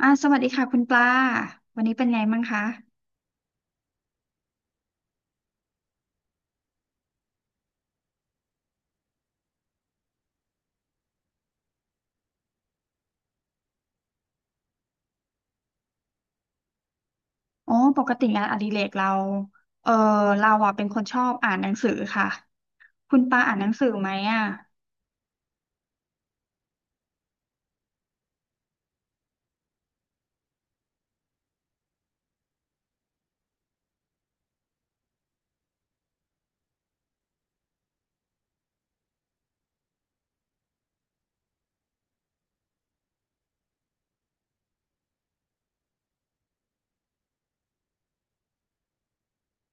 สวัสดีค่ะคุณปลาวันนี้เป็นไงบ้างคะอ๋อปกติงานอดิเรกเราเออเราอ่ะเป็นคนชอบอ่านหนังสือค่ะ คุณปลาอ่านหนังสือไหมอ่ะ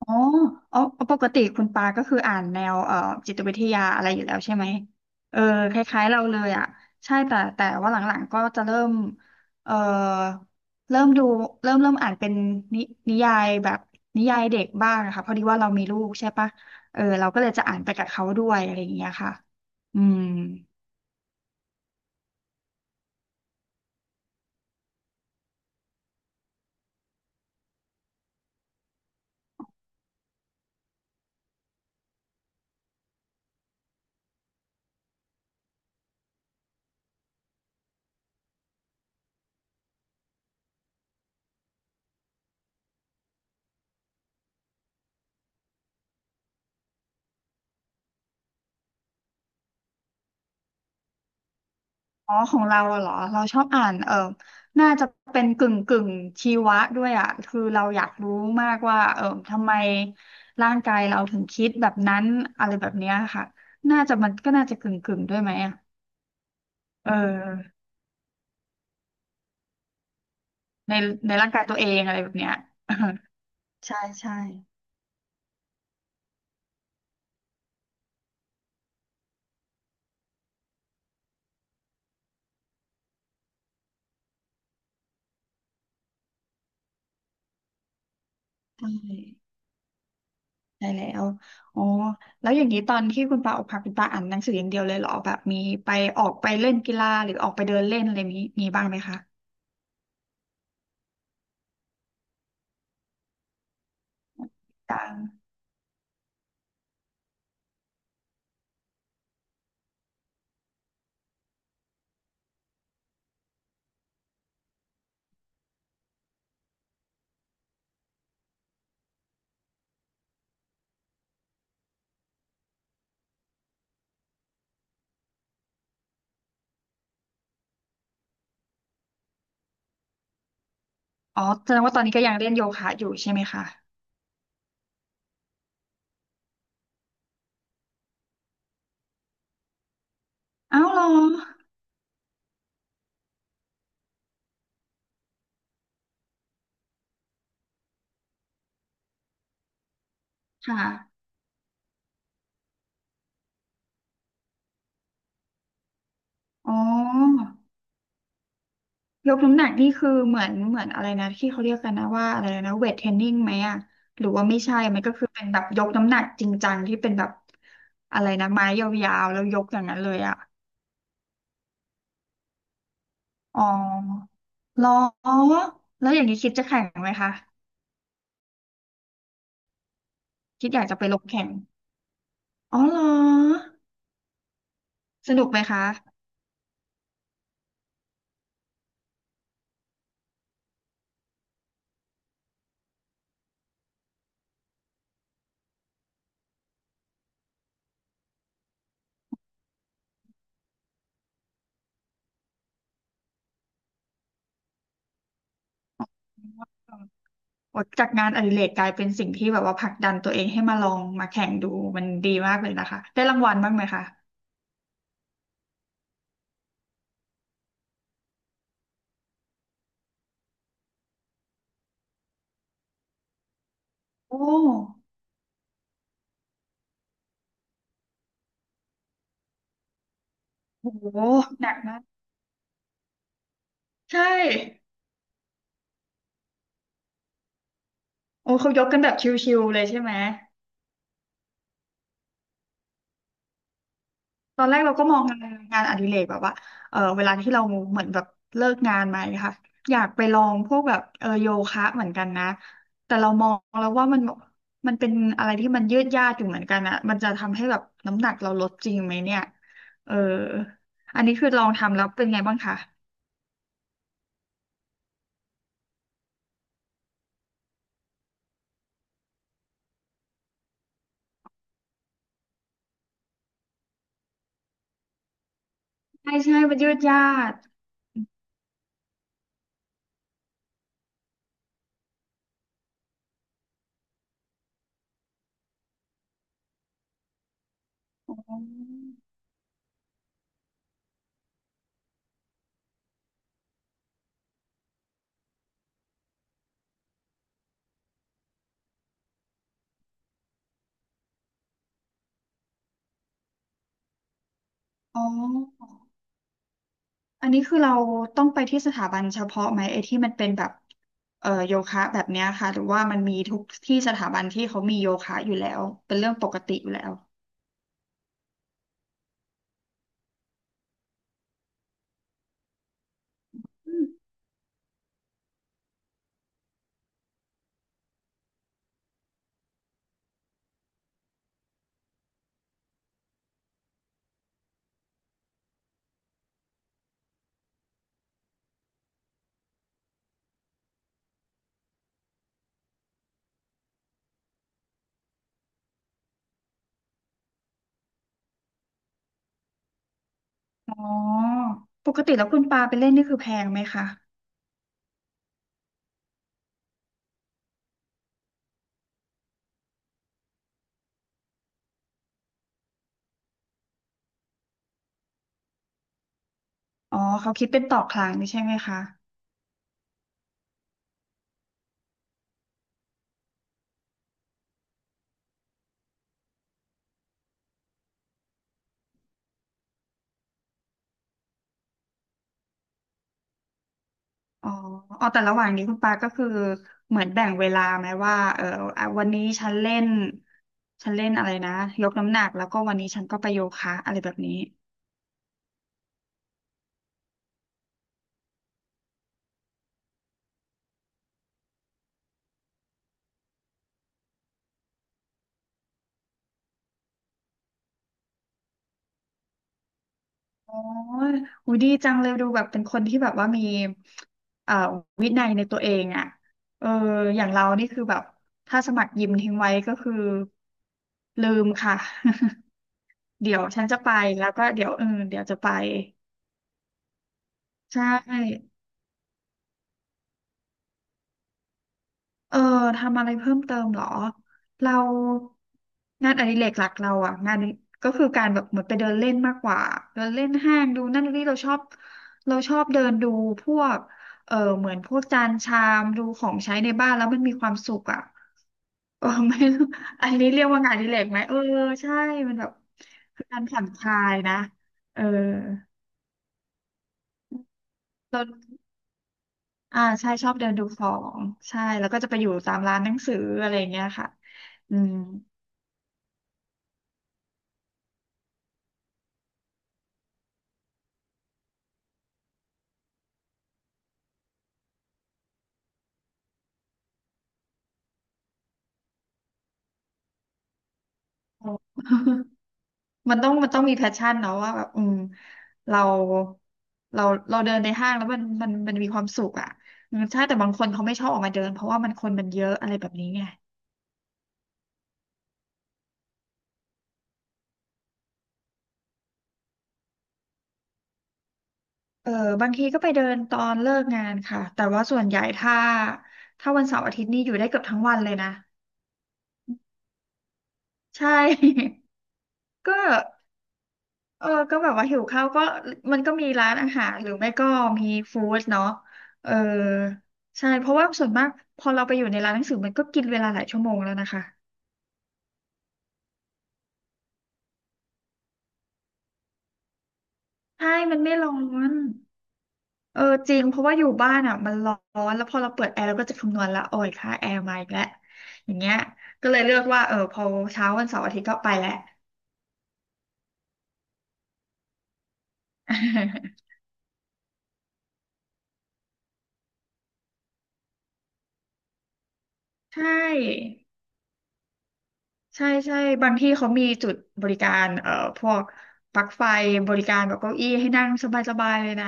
อ๋ออ๋อ ปกติคุณปาก็คืออ่านแนวจิตวิทยาอะไรอยู่แล้วใช่ไหมเออคล้ายๆเราเลยอ่ะใช่แต่ว่าหลังๆก็จะเริ่มเอ่อเริ่มดูเริ่มอ่านเป็นนินิยายแบบนิยายเด็กบ้างนะคะพอดีว่าเรามีลูกใช่ปะเออเราก็เลยจะอ่านไปกับเขาด้วยอะไรอย่างเงี้ยค่ะอืม อ๋อของเราอะเหรอเราชอบอ่านน่าจะเป็นกึ่งกึ่งชีวะด้วยอะคือเราอยากรู้มากว่าเออทำไมร่างกายเราถึงคิดแบบนั้นอะไรแบบเนี้ยค่ะน่าจะมันก็น่าจะกึ่งกึ่งด้วยไหมอะเออในในร่างกายตัวเองอะไรแบบเนี้ย ใช่ใช่ได้แล้วอ๋อแล้วอย่างนี้ตอนที่คุณปาออกพาคุณปาอ่านหนังสืออย่างเดียวเลยเหรอแบบมีไปออกไปเล่นกีฬาหรือออกไปเดินเล่นอะไรมีบ้างไหมคะต่าง อ๋อแสดงว่าตอนนี้ก็ยังเล่นโยคะอยู่ใช่ไหมคะอ้าวเหรอค่ะ อ๋อ ยกน้ำหนักนี่คือเหมือนอะไรนะที่เขาเรียกกันนะว่าอะไรนะเวทเทรนนิ่งไหมอะหรือว่าไม่ใช่มันก็คือเป็นแบบยกน้ำหนักจริงจังที่เป็นแบบอะไรนะไม้ยาวๆแล้วยกอย่างนั้นเลยอะอ๋อเหรอแล้วอย่างนี้คิดจะแข่งไหมคะคิดอยากจะไปลงแข่งอ๋อเหรอสนุกไหมคะ โอาจากงานอดิเรกกลายเป็นสิ่งที่แบบว่าผลักดันตัวเองให้มาลองมาแข่งดูมันดีมากเลยนะคะได้รางวัลบ้างไหมคะโอ้โหหนักมากใช่โอ้เขายกกันแบบชิวๆเลยใช่ไหม ตอนแรกเราก็มองงานอดิเรกแบบว่าเออเวลาที่เราเหมือนแบบเลิกงานมาเนะคะอยากไปลองพวกแบบโยคะเหมือนกันนะแต่เรามองแล้วว่ามันมันเป็นอะไรที่มันยืดยาดอยู่เหมือนกันอะมันจะทำให้แบบน้ำหนักเราลดจริงไหมเนี่ยเอออันนี้คือลองทำแล้วเป็นไงบ้างคะใช่ใช่มันยืดยาดอ๋ออ๋อ อันนี้คือเราต้องไปที่สถาบันเฉพาะไหมไอ้ที่มันเป็นแบบโยคะแบบเนี้ยค่ะหรือว่ามันมีทุกที่สถาบันที่เขามีโยคะอยู่แล้วเป็นเรื่องปกติอยู่แล้วอืมอ๋อปกติแล้วคุณปาไปเล่นนี่คือแพงไหมคะอ๋อเขาคิดเป็นต่อครั้งนี่ใช่ไหมคะอ๋ออ๋อแต่ระหว่างนี้คุณปาก็คือเหมือนแบ่งเวลาไหมว่าเอออ่ะวันนี้ฉันเล่นอะไรนะยกน้ำหนักแล้วก็วันนี้ฉันก็ไปโยคะอะไรแบบนี้ อ๋ออุ๊ยดีจังเลยดูแบบเป็นคนที่แบบว่ามีเอ่อวินัยในตัวเองอ่ะเอออย่างเรานี่คือแบบถ้าสมัครยิมทิ้งไว้ก็คือลืมค่ะ เดี๋ยวฉันจะไปแล้วก็เดี๋ยวเดี๋ยวจะไป ใช่ เออทำอะไรเพิ่มเติมเหรอเรางานอดิเรกหลักเราอ่ะงานก็คือการแบบเหมือนไปเดินเล่นมากกว่าเดินเล่นห้างดูนั่นดูนี่เราชอบเราชอบเดินดูพวกเหมือนพวกจานชามดูของใช้ในบ้านแล้วมันมีความสุขอ่ะ เออไม่รู้อันนี้เรียกว่างานอดิเรกไหมเออใช่มันแบบคือการผ่อนคลายนะเออเราอ่าใช่ชอบเดินดูของใช่แล้วก็จะไปอยู่ตามร้านหนังสืออะไรอย่างเงี้ยค่ะอืม มันต้องมีแพชชั่นเนาะว่าแบบอืมเราเราเราเดินในห้างแล้วมันมีความสุขอ่ะอืมใช่แต่บางคนเขาไม่ชอบออกมาเดินเพราะว่ามันคนมันเยอะอะไรแบบนี้ไงเออบางทีก็ไปเดินตอนเลิกงานค่ะแต่ว่าส่วนใหญ่ถ้าวันเสาร์อาทิตย์นี่อยู่ได้เกือบทั้งวันเลยนะใช่ ก็ เออก็แบบว่าหิวข้าวก็มันก็มีร้านอาหารหรือไม่ก็มีฟู้ดเนาะเออใช่เพราะว่าส่วนมากพอเราไปอยู่ในร้านหนังสือมันก็กินเวลาหลายชั่วโมงแล้วนะคะใช่มันไม่ร้อนเออจริงเพราะว่าอยู่บ้านอ่ะมันร้อนแล้วพอเราเปิดแอร์เราก็จะคำนวณละโอ้ยค่าแอร์มาอีกแล้วอย่างเงี้ยก็เลยเลือกว่าเออพอเช้าวันเสาร์อาทิตย์ก็ไปแหละ ใช่ ใช่บางที่เขามีจุดบริการพวกปลั๊กไฟบริการแบบเก้าอี้ให้นั่งสบายๆเลยนะ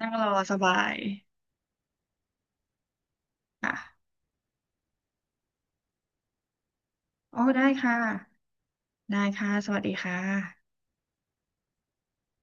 นั่งรอสบายค่ะอ๋อได้ค่ะได้ค่ะสวัสดีค่ะ